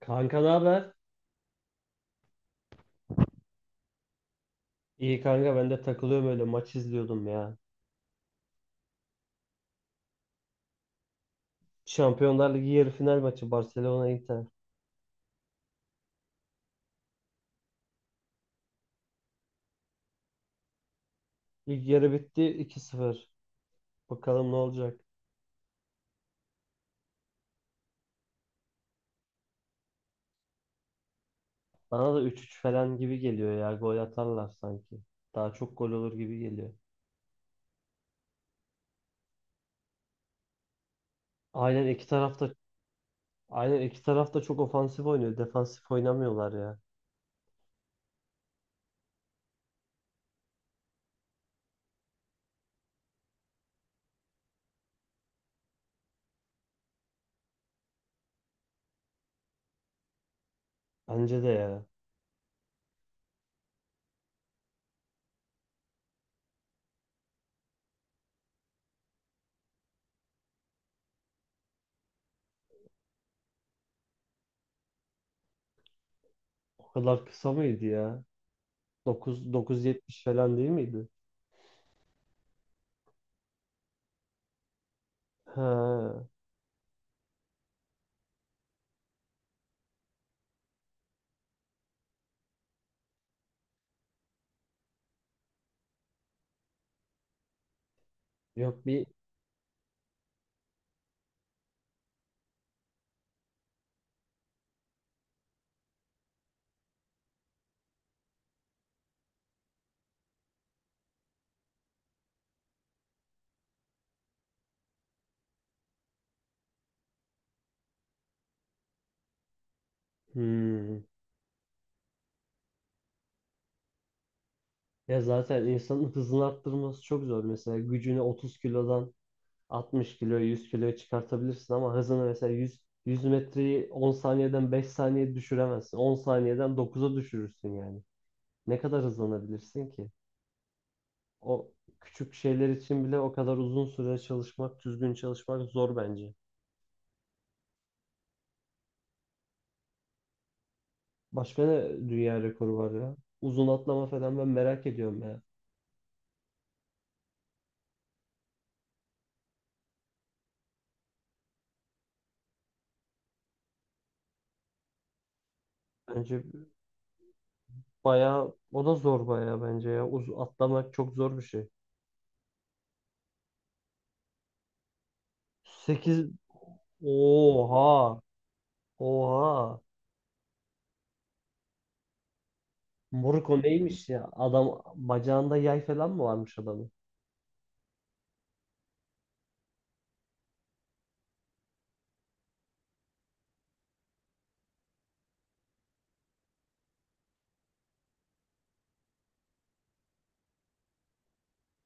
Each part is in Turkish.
Kanka ne haber? İyi kanka ben de takılıyorum öyle maç izliyordum ya. Şampiyonlar Ligi yarı final maçı Barcelona Inter. İlk yarı bitti 2-0. Bakalım ne olacak. Bana da 3-3 falan gibi geliyor ya. Gol atarlar sanki. Daha çok gol olur gibi geliyor. Aynen iki tarafta aynen iki tarafta çok ofansif oynuyor. Defansif oynamıyorlar ya. Bence de ya. O kadar kısa mıydı ya? 9 9.70 falan değil miydi? Ha. Yok bir hmm. Ya zaten insanın hızını arttırması çok zor. Mesela gücünü 30 kilodan 60 kilo, 100 kiloya çıkartabilirsin ama hızını mesela 100 metreyi 10 saniyeden 5 saniye düşüremezsin. 10 saniyeden 9'a düşürürsün yani. Ne kadar hızlanabilirsin ki? O küçük şeyler için bile o kadar uzun süre çalışmak, düzgün çalışmak zor bence. Başka ne dünya rekoru var ya? Uzun atlama falan ben merak ediyorum ya. Bence bayağı o da zor bayağı bence ya. Uz atlamak çok zor bir şey. 8 Oha. Oha. Murko neymiş ya? Adam bacağında yay falan mı varmış adamın?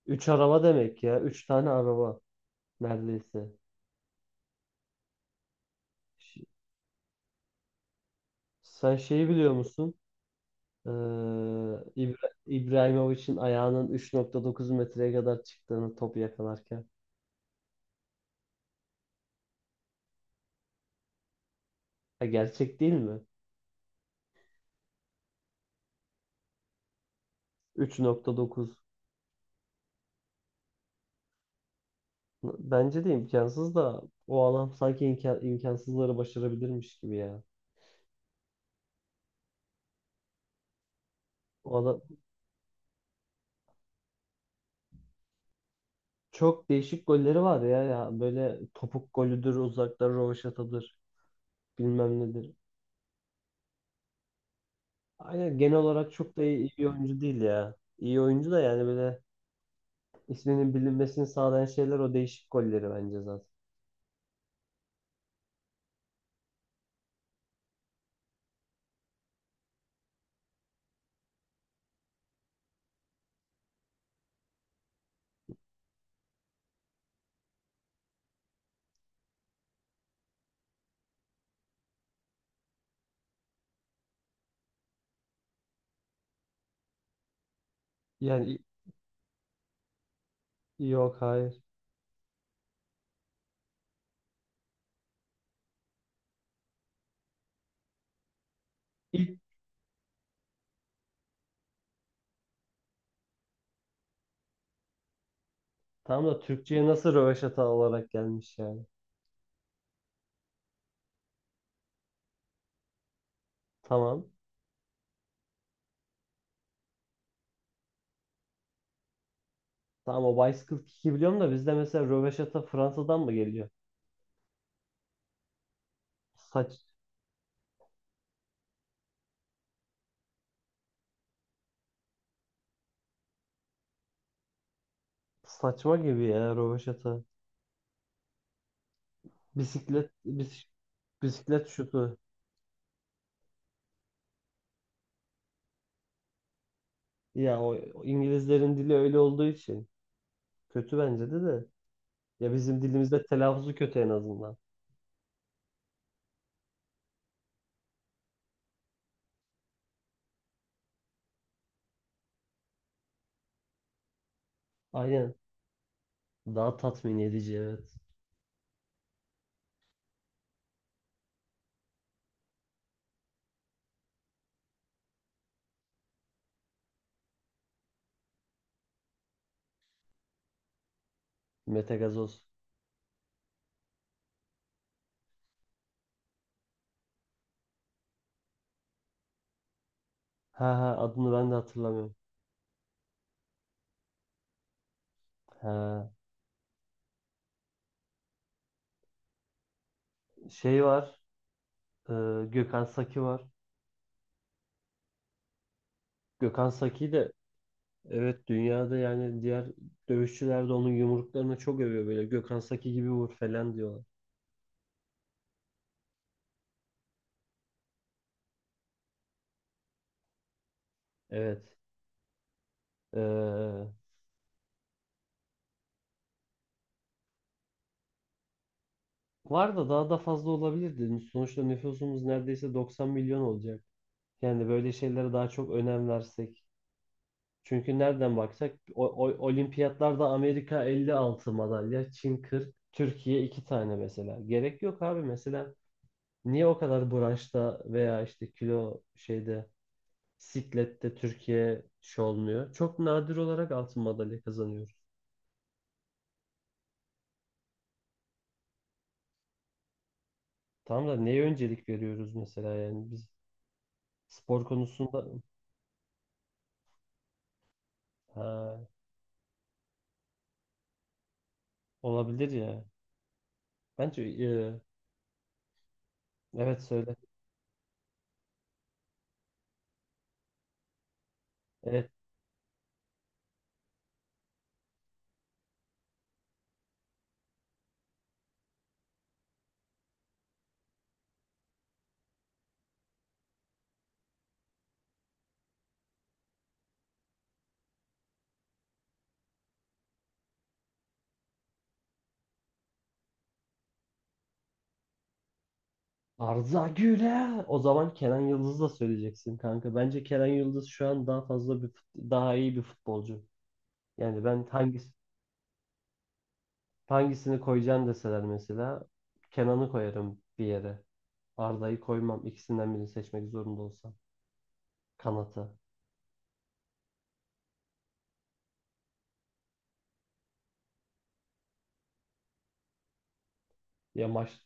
Üç araba demek ya. Üç tane araba neredeyse. Ş- Sen şeyi biliyor musun? Ee, İbrahimovic'in ayağının 3.9 metreye kadar çıktığını topu yakalarken. Ha, gerçek değil mi? 3.9. Bence de imkansız da o adam sanki imkansızları başarabilirmiş gibi ya. O adam çok değişik golleri var ya ya böyle topuk golüdür, uzaktan rövaşatadır, bilmem nedir. Aynen genel olarak çok da iyi oyuncu değil ya. İyi oyuncu da yani böyle isminin bilinmesini sağlayan şeyler o değişik golleri bence zaten. Yani i- Yok, hayır. İlk tamam da Türkçe'ye nasıl rövaşata olarak gelmiş yani. Tamam. Tamam o bicycle kick'i biliyorum da bizde mesela rövaşata Fransa'dan mı geliyor? Saç, saçma gibi ya rövaşata. Bisiklet, bis- bisiklet şutu. Ya o İngilizlerin dili öyle olduğu için kötü bence de. Ya bizim dilimizde telaffuzu kötü en azından. Aynen. Daha tatmin edici evet. Metagazoz. Ha ha adını ben de hatırlamıyorum. Ha şey var. e, Gökhan Saki var. Gökhan Saki de evet dünyada yani diğer dövüşçüler de onun yumruklarını çok övüyor böyle. Gökhan Saki gibi vur falan diyorlar. Evet. E, var da daha da fazla olabilirdi. Sonuçta nüfusumuz neredeyse 90 milyon olacak. Yani böyle şeylere daha çok önem versek. Çünkü nereden baksak olimpiyatlarda Amerika 56 madalya, Çin 40, Türkiye 2 tane mesela. Gerek yok abi mesela. Niye o kadar branşta veya işte kilo şeyde siklette Türkiye şey olmuyor? Çok nadir olarak altın madalya kazanıyoruz. Tamam da neye öncelik veriyoruz mesela yani biz spor konusunda ha, olabilir ya. Bence evet söyle. E, Arda Güler. O zaman Kenan Yıldız'ı da söyleyeceksin kanka. Bence Kenan Yıldız şu an daha fazla daha iyi bir futbolcu. Yani ben hangisini koyacağım deseler mesela Kenan'ı koyarım bir yere. Arda'yı koymam. İkisinden birini seçmek zorunda olsam. Kanata. Ya maç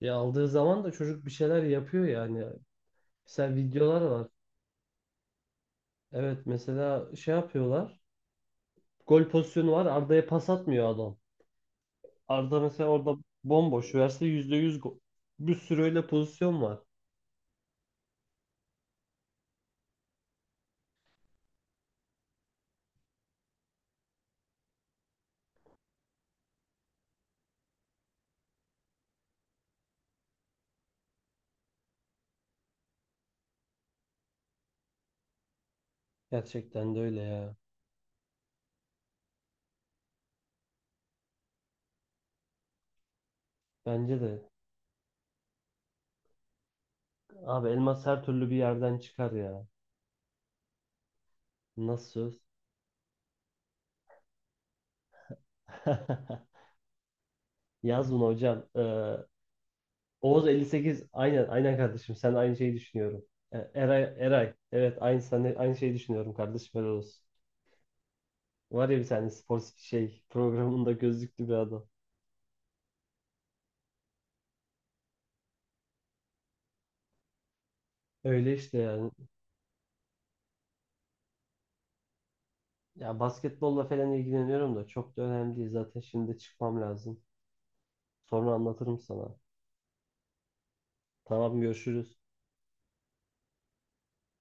ya aldığı zaman da çocuk bir şeyler yapıyor yani. Mesela videolar var. Evet mesela şey yapıyorlar. Gol pozisyonu var. Arda'ya pas atmıyor adam. Arda mesela orada bomboş verse %100 gol. Bir sürü öyle pozisyon var. Gerçekten de öyle ya. Bence de. Abi elmas her türlü bir yerden çıkar ya. Nasıl söz? Yaz bunu hocam. Oğuz 58. Aynen aynen kardeşim. Sen aynı şeyi düşünüyorum. Eray, Eray. Evet aynı sen de aynı şeyi düşünüyorum kardeşim. Helal olsun. Var ya bir tane spor şey programında gözlüklü bir adam. Öyle işte yani. Ya basketbolla falan ilgileniyorum da çok da önemli değil. Zaten şimdi çıkmam lazım. Sonra anlatırım sana. Tamam görüşürüz.